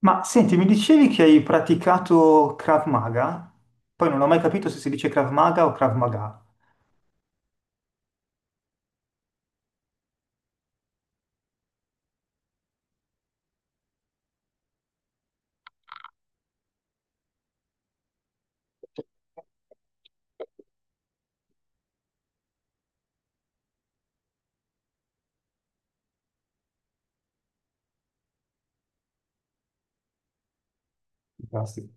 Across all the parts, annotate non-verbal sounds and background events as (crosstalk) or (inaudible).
Ma senti, mi dicevi che hai praticato Krav Maga? Poi non ho mai capito se si dice Krav Maga o Krav Maga. Fantastico.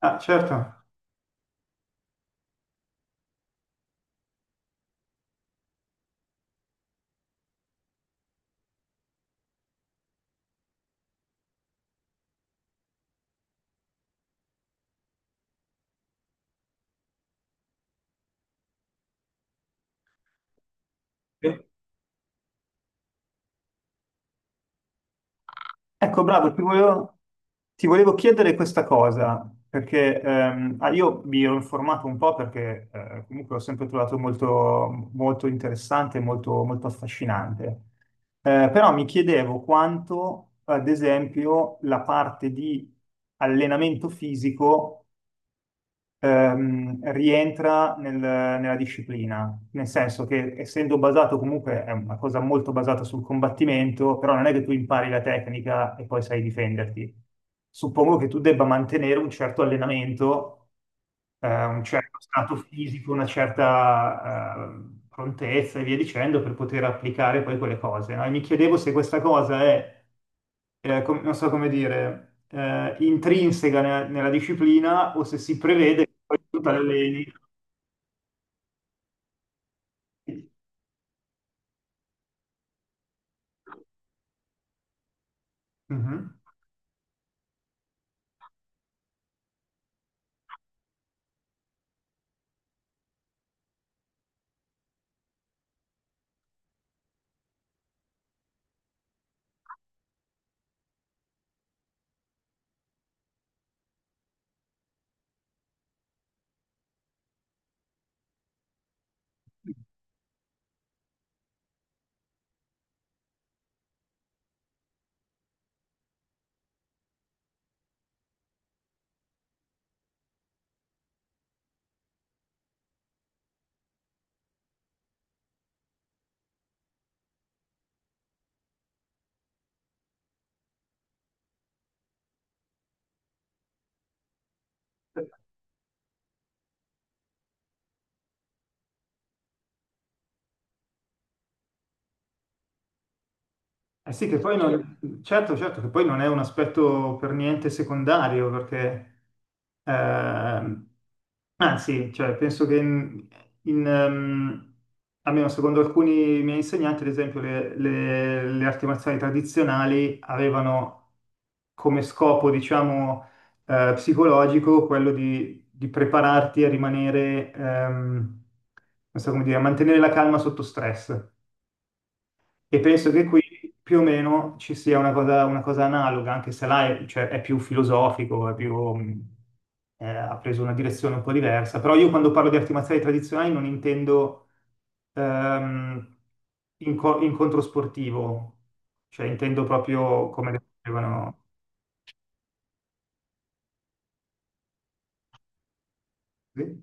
Ah, certo. Eh, Ecco, bravo, ti volevo chiedere questa cosa, perché io mi ero informato un po' perché comunque l'ho sempre trovato molto, molto interessante, molto, molto affascinante. Però mi chiedevo quanto, ad esempio, la parte di allenamento fisico rientra nella disciplina, nel senso che essendo basato comunque è una cosa molto basata sul combattimento, però non è che tu impari la tecnica e poi sai difenderti. Suppongo che tu debba mantenere un certo allenamento, un certo stato fisico, una certa, prontezza e via dicendo per poter applicare poi quelle cose, no? E mi chiedevo se questa cosa è non so come dire, intrinseca nella disciplina o se si prevede che poi tu ti alleni. Mhm. Eh sì, che poi non, certo, certo, che poi non è un aspetto per niente secondario, perché ehm, anzi, cioè, penso che in, ehm, almeno secondo alcuni miei insegnanti, ad esempio, le arti marziali tradizionali avevano come scopo, diciamo, psicologico quello di prepararti a rimanere, non so come dire, a mantenere la calma sotto stress. E penso che qui più o meno ci sia una cosa analoga, anche se cioè, è più filosofico, è più, ha preso una direzione un po' diversa. Però io quando parlo di arti marziali tradizionali non intendo ehm, incontro sportivo, cioè intendo proprio come le facevano. Sì,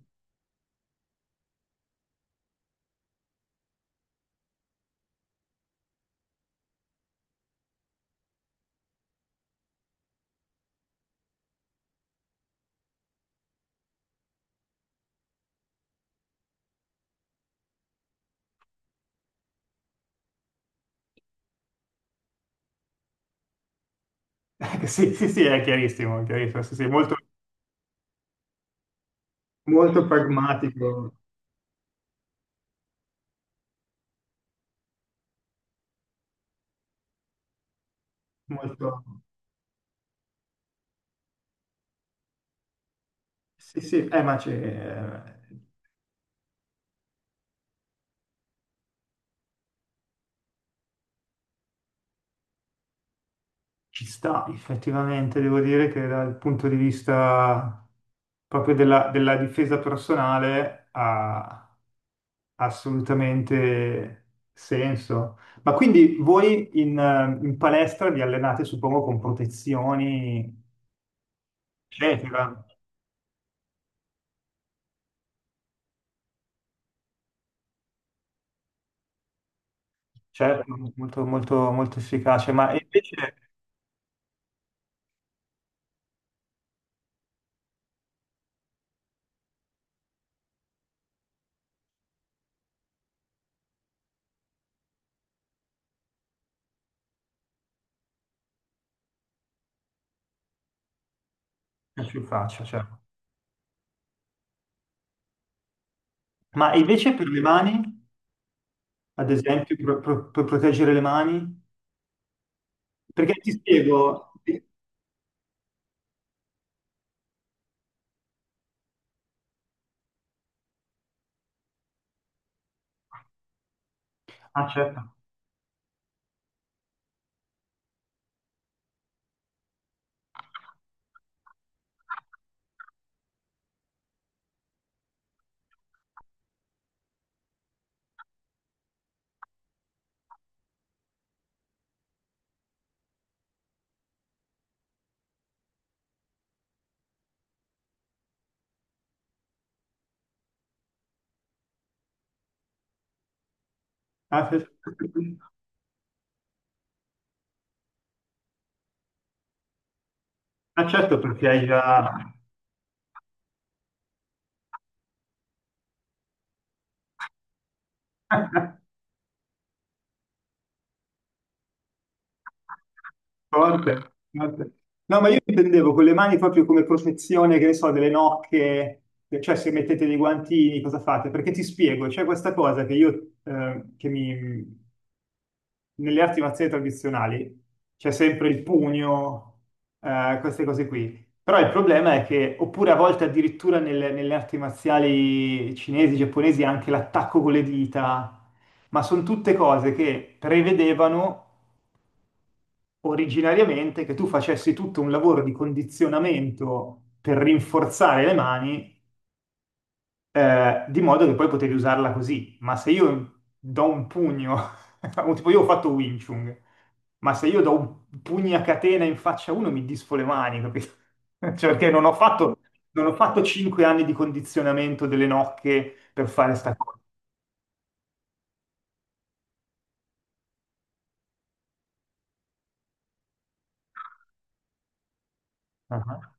(laughs) sì, sì, sì, è chiarissimo, sì, sì, molto, molto pragmatico, molto... Sì, sì, ma c'è... eh, ci sta, effettivamente, devo dire che dal punto di vista proprio della difesa personale ha assolutamente senso. Ma quindi voi in palestra vi allenate, suppongo, con protezioni, eccetera. Certo, molto, molto, molto efficace, ma invece, più faccia, certo. Ma invece per le mani, ad esempio, per proteggere le mani? Perché ti spiego... Ah, certo. Ah, sì, sì. Ah, certo, perché hai già forte, forte. No, ma io intendevo con le mani proprio come protezione, che ne so, delle nocche, cioè se mettete dei guantini, cosa fate? Perché ti spiego, c'è questa cosa che nelle arti marziali tradizionali c'è sempre il pugno, queste cose qui. Però il problema è che, oppure a volte addirittura nelle arti marziali cinesi, giapponesi, anche l'attacco con le dita, ma sono tutte cose che prevedevano originariamente che tu facessi tutto un lavoro di condizionamento per rinforzare le mani di modo che poi potevi usarla così. Ma se io do un pugno, (laughs) o tipo io ho fatto Wing Chun, ma se io do un pugno a catena in faccia a uno mi disfo le mani, capito? (laughs) Cioè, perché non ho fatto, non ho fatto 5 anni di condizionamento delle nocche per fare sta cosa. Ah,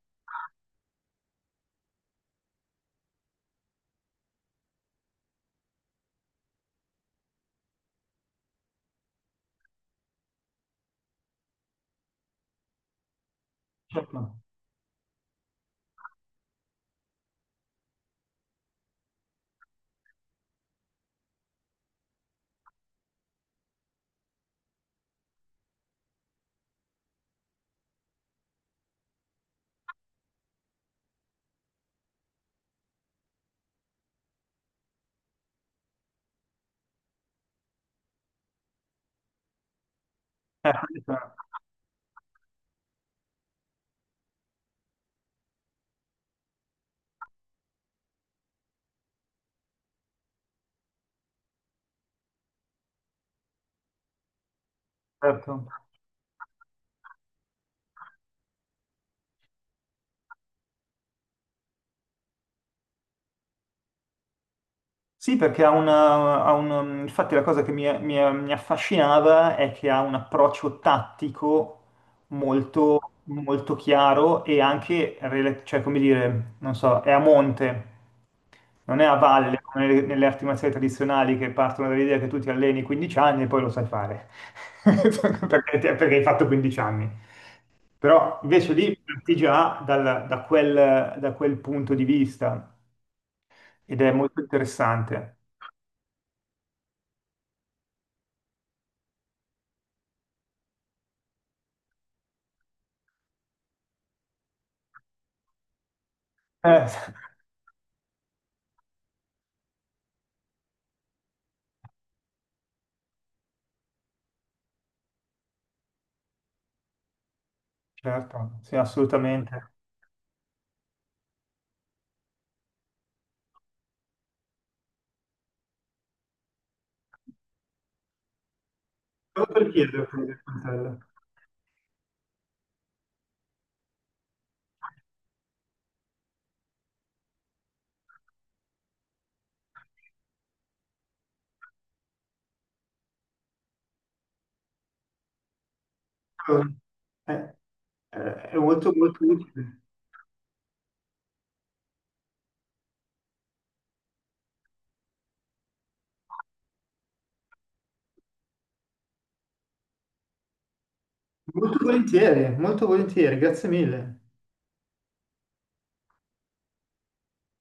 certo, eh, certo. Sì, perché ha ha infatti la cosa che mi affascinava è che ha un approccio tattico molto, molto chiaro e anche, cioè, come dire, non so, è a monte, non è a valle, come nelle arti marziali tradizionali che partono dall'idea che tu ti alleni 15 anni e poi lo sai fare, (laughs) perché hai fatto 15 anni. Però invece lì parti già da quel punto di vista ed è molto interessante. Eh, Certo, sì, assolutamente. Solo per chiedere quindi il coltello. Allora, È, è- è molto molto utile. Molto volentieri, grazie mille.